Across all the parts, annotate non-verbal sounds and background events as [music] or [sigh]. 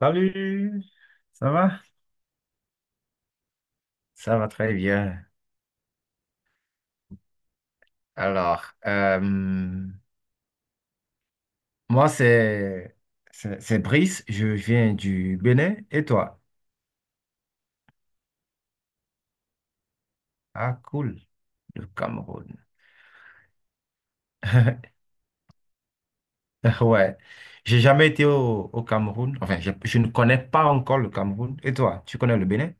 Salut, ça va? Ça va très bien. Alors, moi, c'est Brice, je viens du Bénin. Et toi? Ah, cool, le Cameroun. [laughs] Ouais, j'ai jamais été au Cameroun. Enfin, je ne connais pas encore le Cameroun. Et toi, tu connais le Bénin?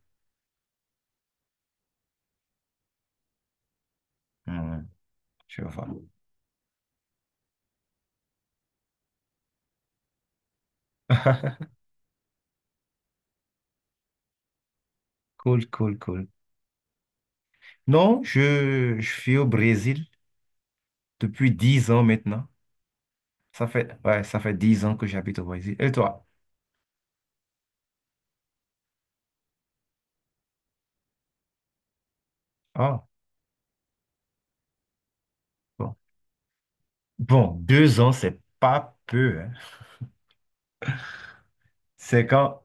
Hmm, je vois. [laughs] Cool, cool, cool. Non, je suis au Brésil depuis 10 ans maintenant. Ça fait, ouais, ça fait 10 ans que j'habite au Brésil. Et toi? Bon. Bon, 2 ans, c'est pas peu, hein. C'est quand,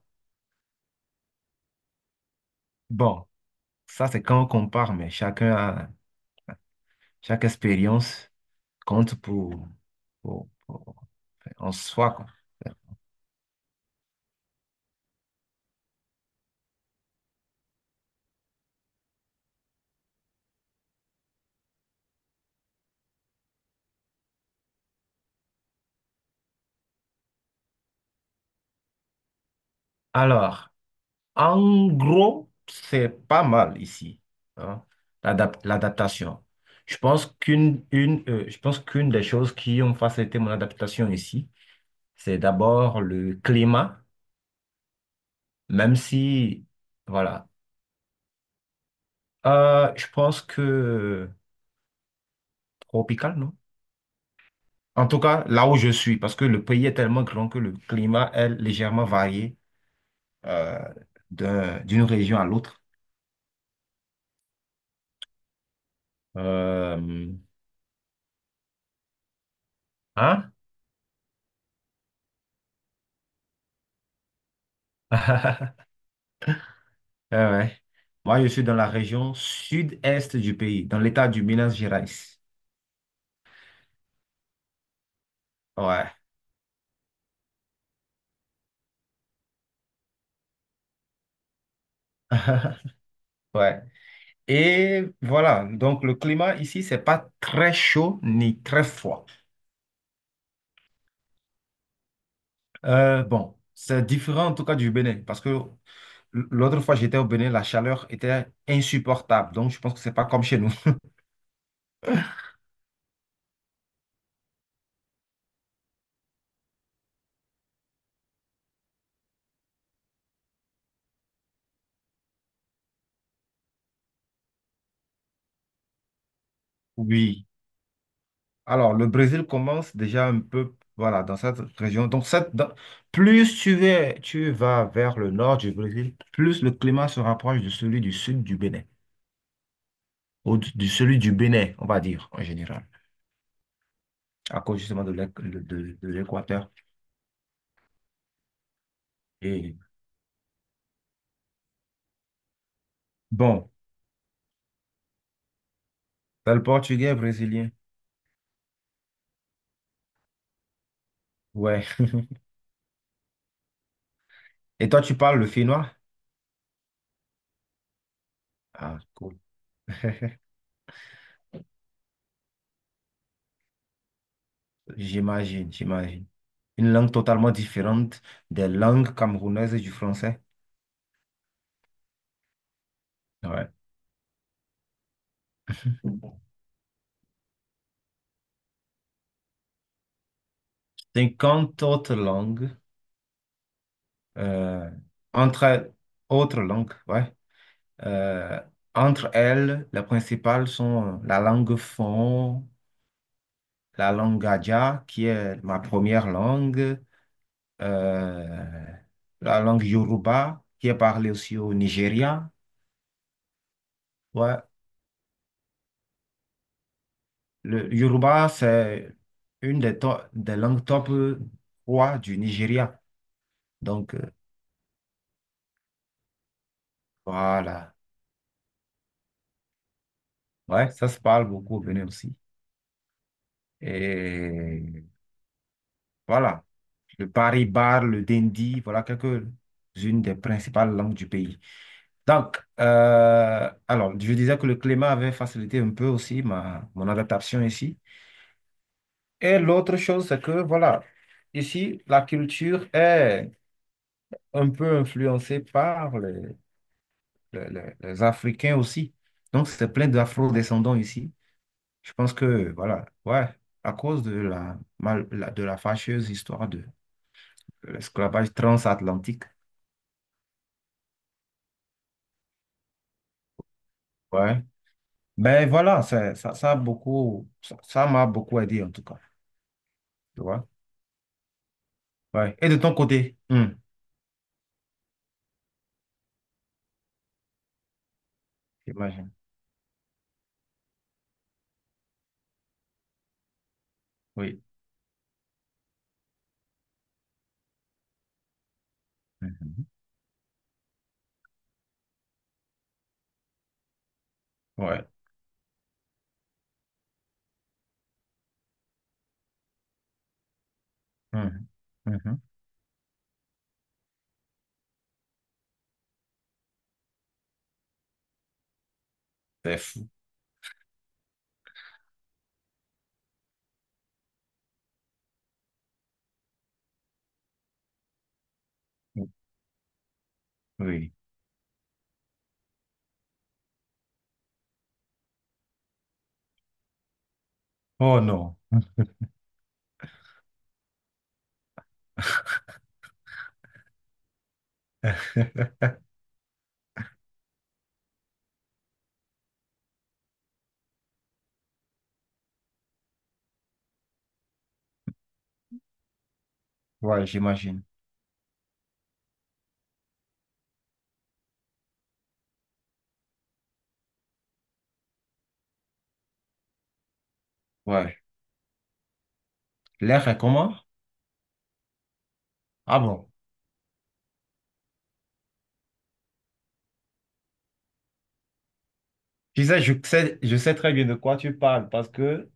bon, ça c'est quand on compare, mais chaque expérience compte pour en soi, quoi. Alors, en gros, c'est pas mal ici, hein, l'adaptation. Je pense qu'une des choses qui ont facilité mon adaptation ici, c'est d'abord le climat, même si, voilà, je pense que tropical, non? En tout cas, là où je suis, parce que le pays est tellement grand que le climat est légèrement varié euh, d'une région à l'autre. Euh, hein? [laughs] Ouais, ouais. Moi, je suis dans la région sud-est du pays, dans l'état du Minas Gerais. Ouais. [laughs] Ouais. Et voilà, donc le climat ici, c'est pas très chaud ni très froid. Bon, c'est différent en tout cas du Bénin, parce que l'autre fois j'étais au Bénin, la chaleur était insupportable. Donc, je pense que c'est pas comme chez nous. Oui. Alors, le Brésil commence déjà un peu, voilà, dans cette région. Donc, plus tu vas vers le nord du Brésil, plus le climat se rapproche de celui du sud du Bénin, ou de celui du Bénin, on va dire, en général, à cause justement de l'équateur. Et bon, t'as le portugais brésilien. Ouais. Et toi, tu parles le finnois? Ah, cool. J'imagine, j'imagine. Une langue totalement différente des langues camerounaises et du français. Ouais. 50 autres langues. euh, entre autres langues, ouais. Euh, entre elles, les principales sont la langue fon, la langue Gadja, qui est ma première langue, euh, la langue Yoruba, qui est parlée aussi au Nigeria. Ouais. Le Yoruba, c'est des langues top 3 du Nigeria. Donc, voilà. Ouais, ça se parle beaucoup au Bénin aussi. Et voilà. Le Paris Bar, le Dindi, voilà quelques-unes des principales langues du pays. Donc, alors, je disais que le climat avait facilité un peu aussi mon adaptation ici. Et l'autre chose, c'est que, voilà, ici, la culture est un peu influencée par les Africains aussi. Donc, c'est plein d'afro-descendants ici. Je pense que, voilà, ouais, à cause de la fâcheuse histoire de l'esclavage transatlantique, ouais. Ben voilà, ça m'a beaucoup aidé en tout cas, tu vois. Ouais. Et de ton côté, j'imagine. Oui. Mhm. Ouais. Mhm. Mhm. C'est fou. Oui. Oh non. Ouais, j'imagine. Ouais. L'air est comment? Ah bon. Tu sais, je sais très bien de quoi tu parles parce que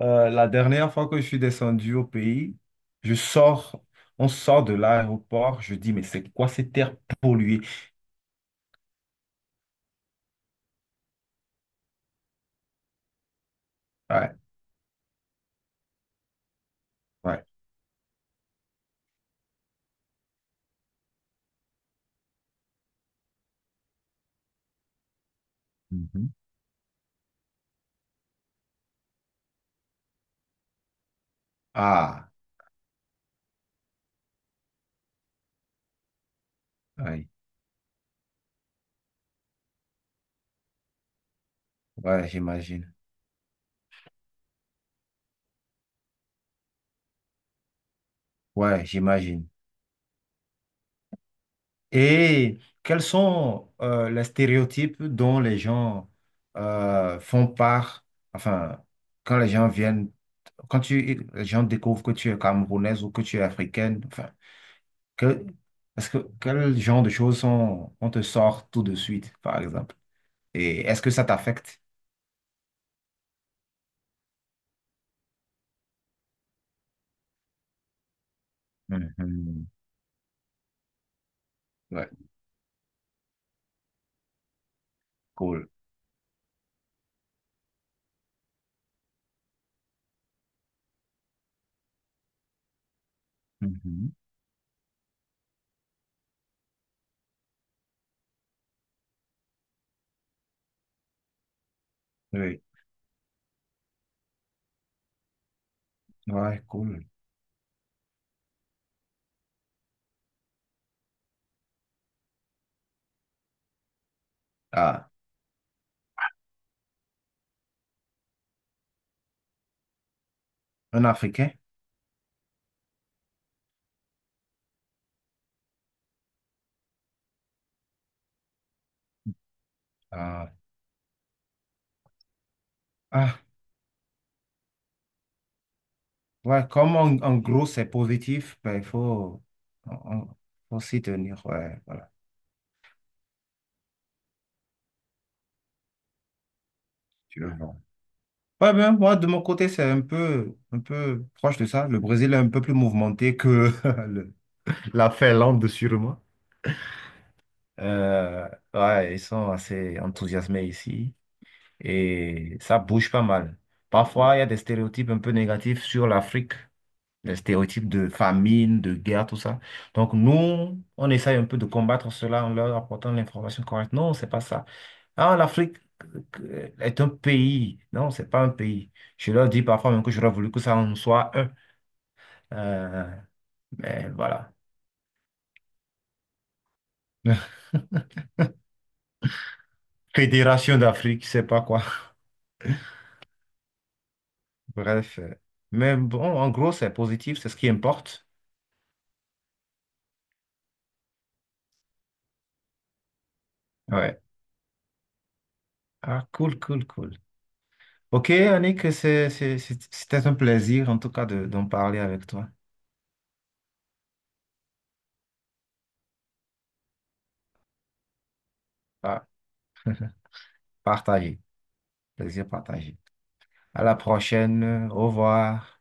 la dernière fois que je suis descendu au pays, je sors, on sort de l'aéroport, je dis, mais c'est quoi cette terre polluée? Ouais, ouais. Mhm. Ah. Ouais, ouais, j'imagine. Ouais, j'imagine. Et quels sont les stéréotypes dont les gens font part, enfin, quand les gens viennent, les gens découvrent que tu es camerounaise ou que tu es africaine, enfin, que, est-ce que, quel genre de choses sont, on te sort tout de suite, par exemple? Et est-ce que ça t'affecte? Mhm. Ouais, cool. Mhm. Oui, ouais, cool. Ah, un Africain? Ah. Ouais, comme en gros c'est positif, ben, il faut, on- on- faut s'y tenir. Ouais, voilà, tu le vends. Ouais, ben, moi, de mon côté, c'est un peu proche de ça. Le Brésil est un peu plus mouvementé que [laughs] le- la Finlande, sûrement. Euh, ouais, ils sont assez enthousiasmés ici et ça bouge pas mal. Parfois, il y a des stéréotypes un peu négatifs sur l'Afrique: les stéréotypes de famine, de guerre, tout ça. Donc nous, on essaye un peu de combattre cela en leur apportant l'information correcte. Non, c'est pas ça. Ah, l'Afrique est un pays. Non, c'est pas un pays. Je leur dis parfois même que j'aurais voulu que ça en soit un. Euh, mais voilà. [laughs] Fédération d'Afrique, je sais pas quoi. [laughs] Bref. Mais bon, en gros, c'est positif, c'est ce qui importe. Ouais. Ah, cool, cool, cool. Ok, Annick, c'était un plaisir en tout cas d'en parler avec toi. Ah, partagé. Plaisir partagé. À la prochaine. Au revoir.